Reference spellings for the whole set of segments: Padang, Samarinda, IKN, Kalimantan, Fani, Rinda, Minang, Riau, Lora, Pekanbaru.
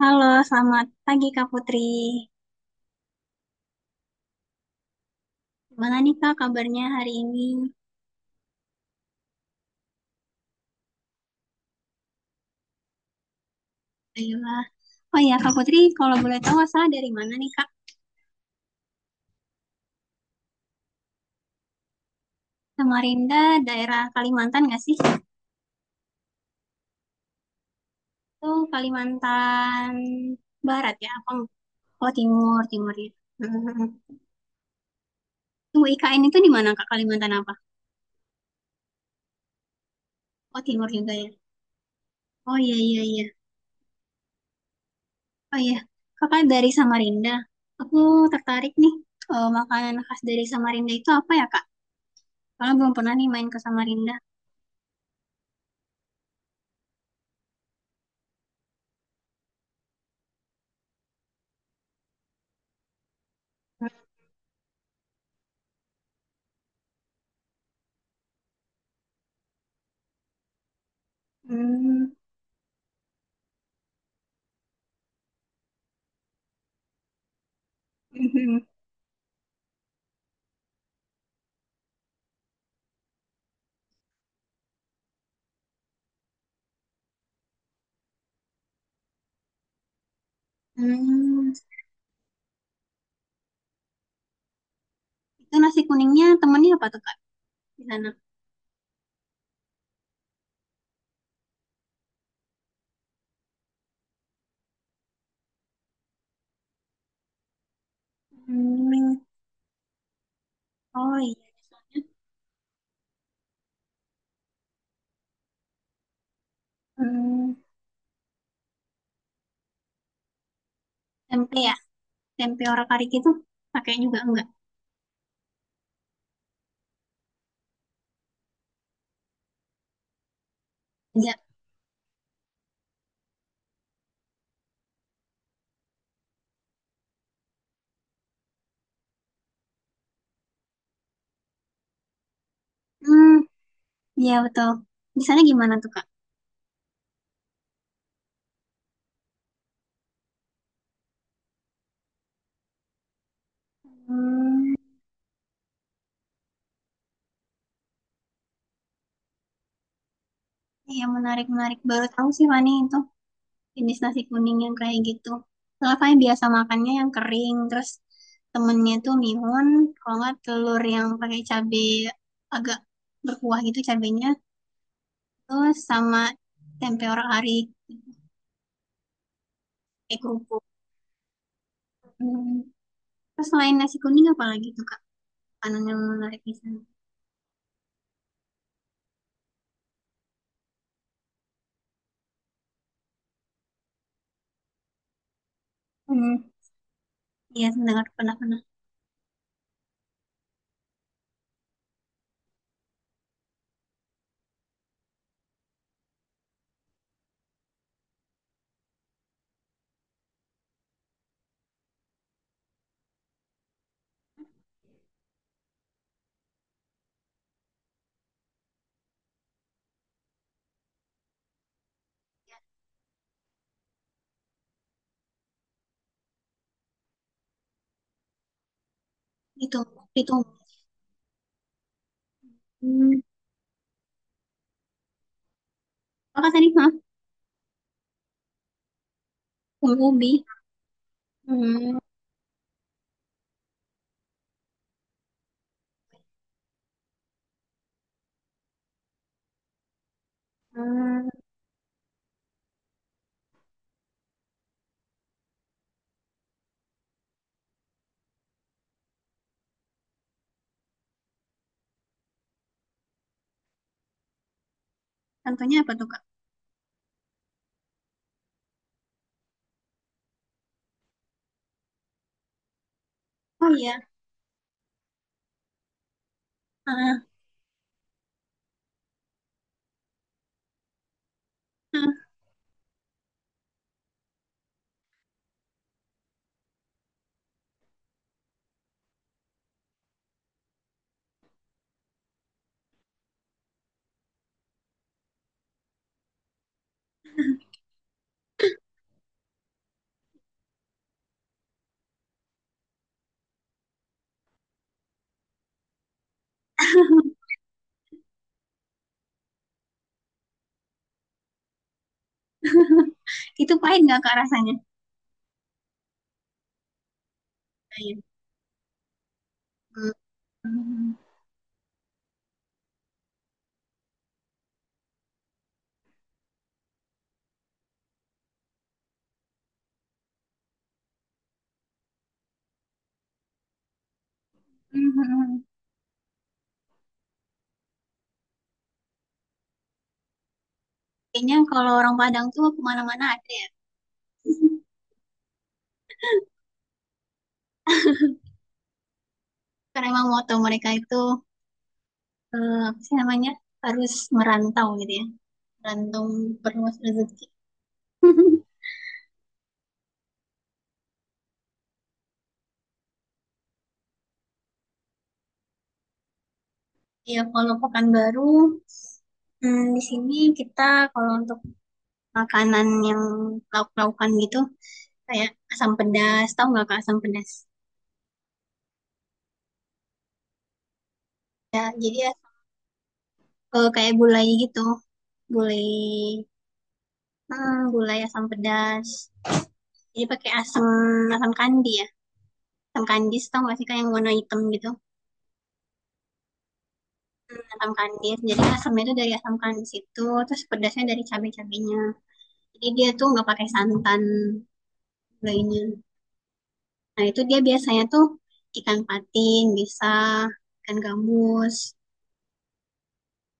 Halo, selamat pagi Kak Putri. Gimana nih Kak kabarnya hari ini? Baiklah. Oh iya Kak Putri, kalau boleh tahu asal dari mana nih Kak? Samarinda, daerah Kalimantan nggak sih? Itu Kalimantan Barat ya? Apa? Oh Timur, Timur ya. Hmm. Tunggu IKN itu di mana Kak? Kalimantan apa? Oh Timur juga ya. Oh iya iya iya. Oh iya. Kakak dari Samarinda. Aku tertarik nih. Makanan khas dari Samarinda itu apa ya Kak? Kalau belum pernah nih main ke Samarinda. Hmm. Mhm. Hmm, itu nasi kuningnya temennya apa tuh Kak di sana? Hmm. Oh iya. Hmm, tempe ya, tempe orang kari itu pakai juga enggak? Enggak. Hmm, iya betul. Di sana gimana tuh Kak? Hmm. Iya menarik menarik. Baru tahu sih Fani itu jenis nasi kuning yang kayak gitu. Soalnya Fani biasa makannya yang kering, terus temennya tuh mihun, kalau nggak telur yang pakai cabai agak berkuah gitu cabenya, terus sama tempe orak arik, tempe kerupuk. Hmm, terus selain nasi kuning apa lagi tuh kak, makanan yang menarik di sana? Hmm, iya mendengar pernah pernah. itu itu hmm. Kakak tadi maaf, tumbuh ubi. Hmm. Hmm. Contohnya apa tuh kak? Oh iya. Ah, ah. Itu pahit nggak kak rasanya? Pahit. Hmm. Hmm. Hmm. Hmm. Kayaknya kalau orang Padang tuh kemana-mana ada ya. Karena emang moto mereka itu apa sih namanya, harus merantau gitu ya. Rantau perluas rezeki. Ya kalau Pekanbaru hmm, di sini kita kalau untuk makanan yang lauk-laukan gitu kayak asam pedas, tahu nggak kak asam pedas? Ya jadi ya, kayak gulai gitu, gulai hmm, gulai asam pedas. Jadi pakai asam asam kandi ya. Asam kandis tau gak sih kayak yang warna hitam gitu, asam kandis, jadi asamnya itu dari asam kandis itu, terus pedasnya dari cabai-cabainya, jadi dia tuh nggak pakai santan gulainya. Nah, itu dia biasanya tuh ikan patin, bisa ikan gabus.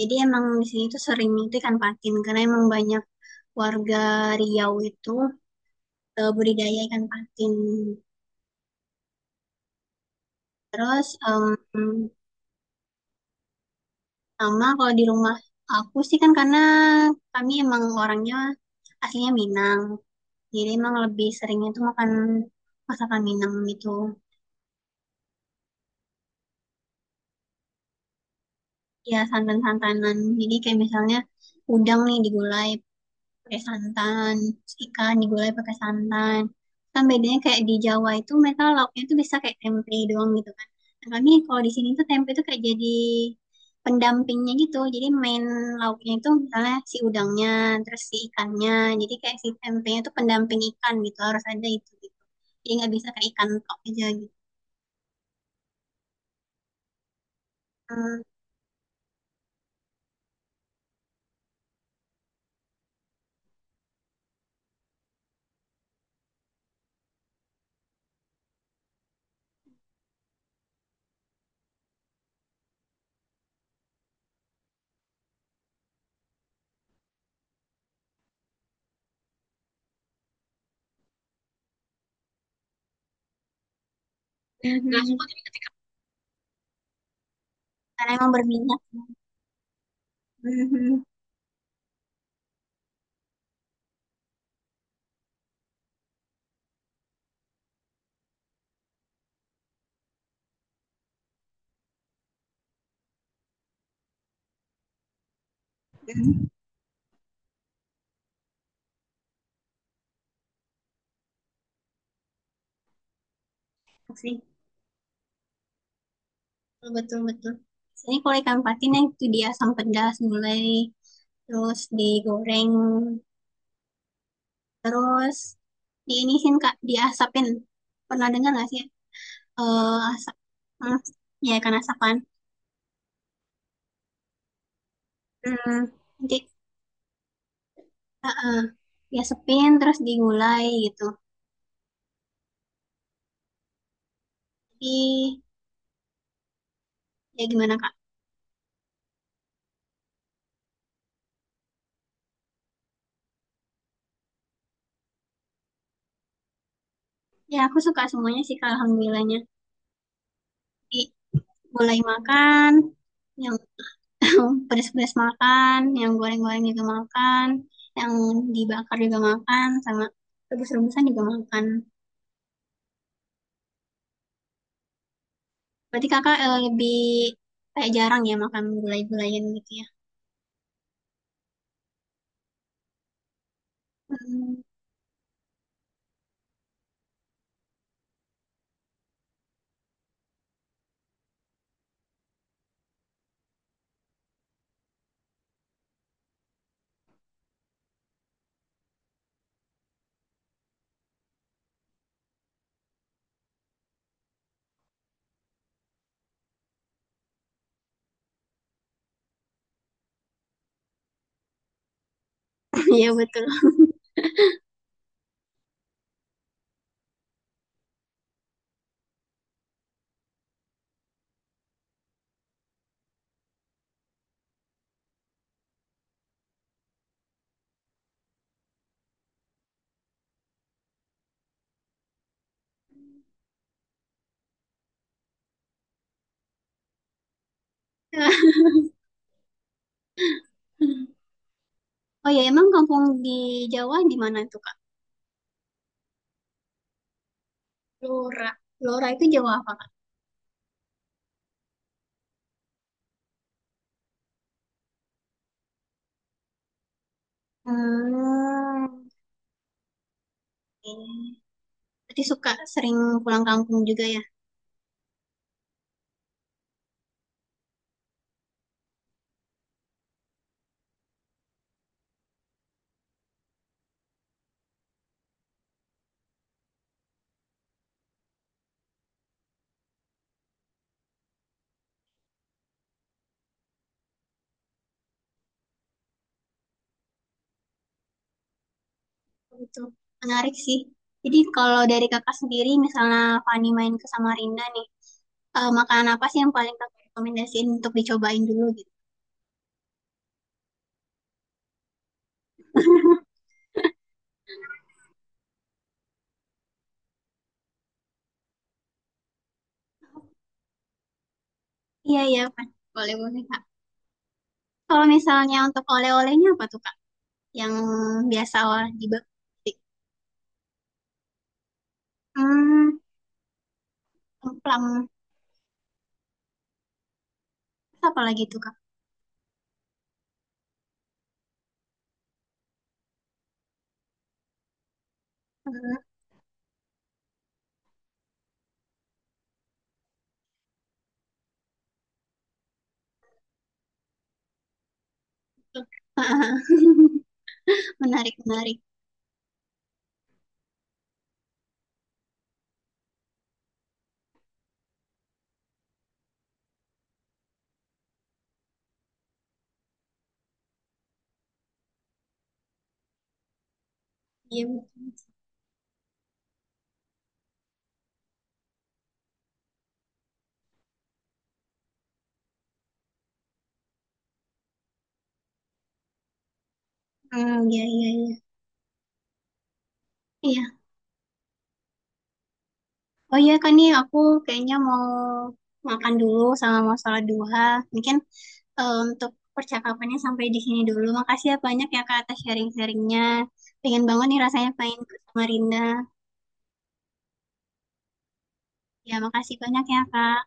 Jadi emang di sini tuh sering itu ikan patin karena emang banyak warga Riau itu budidaya ikan patin. Terus sama kalau di rumah aku sih kan karena kami emang orangnya aslinya Minang. Jadi emang lebih seringnya tuh makan masakan Minang gitu. Ya santan-santanan. Jadi kayak misalnya udang nih digulai pakai santan. Terus ikan digulai pakai santan. Kan bedanya kayak di Jawa itu mereka lauknya itu bisa kayak tempe doang gitu kan, nah, kami kalau di sini tuh tempe itu kayak jadi pendampingnya gitu, jadi main lauknya itu misalnya si udangnya, terus si ikannya, jadi kayak si tempenya itu pendamping ikan gitu, harus ada itu gitu, jadi nggak bisa kayak ikan tok aja gitu. Hmm, nah Mhm, karena emang berminyak. Mhm. Mhm sih, betul betul. Sini kalau ikan patin ya itu dia asam pedas mulai. Terus digoreng, terus diinisin Kak, diasapin. Pernah dengar nggak sih? Eh asap. Hmm, ya kan asapan. Hmm, nanti eh, eh, diasapin terus digulai gitu. Jadi ya gimana Kak? Ya aku suka semuanya sih Kak, alhamdulillahnya. Jadi gulai makan, yang pedes-pedes makan, yang goreng-goreng juga makan, yang dibakar juga makan, sama rebus-rebusan juga makan. Berarti kakak lebih kayak jarang ya makan gulai-gulayan gitu ya? Hmm, iya betul. Oh ya, emang kampung di Jawa di mana tuh Kak? Lora. Lora itu Jawa apa Kak? Hmm. Oke. Berarti suka sering pulang kampung juga ya? Betul. Menarik sih. Jadi kalau dari kakak sendiri, misalnya Fani main ke Samarinda nih, makanan apa sih yang paling kakak rekomendasiin untuk dicobain dulu gitu? Iya iya Pak. Boleh boleh Kak. Kalau misalnya untuk oleh-olehnya apa tuh kak? Yang biasa orang jebak. Hmm, templang. Terus apa lagi tuh, Kak? Menarik, menarik. Iya, betul. Hmm, iya, iya, iya. Iya. Oh iya, kan nih aku kayaknya mau makan dulu sama mau sholat duha. Mungkin untuk percakapannya sampai di sini dulu. Makasih ya banyak ya Kak atas sharing-sharingnya. Pengen banget nih rasanya pengen sama Rinda. Ya, makasih banyak ya Kak.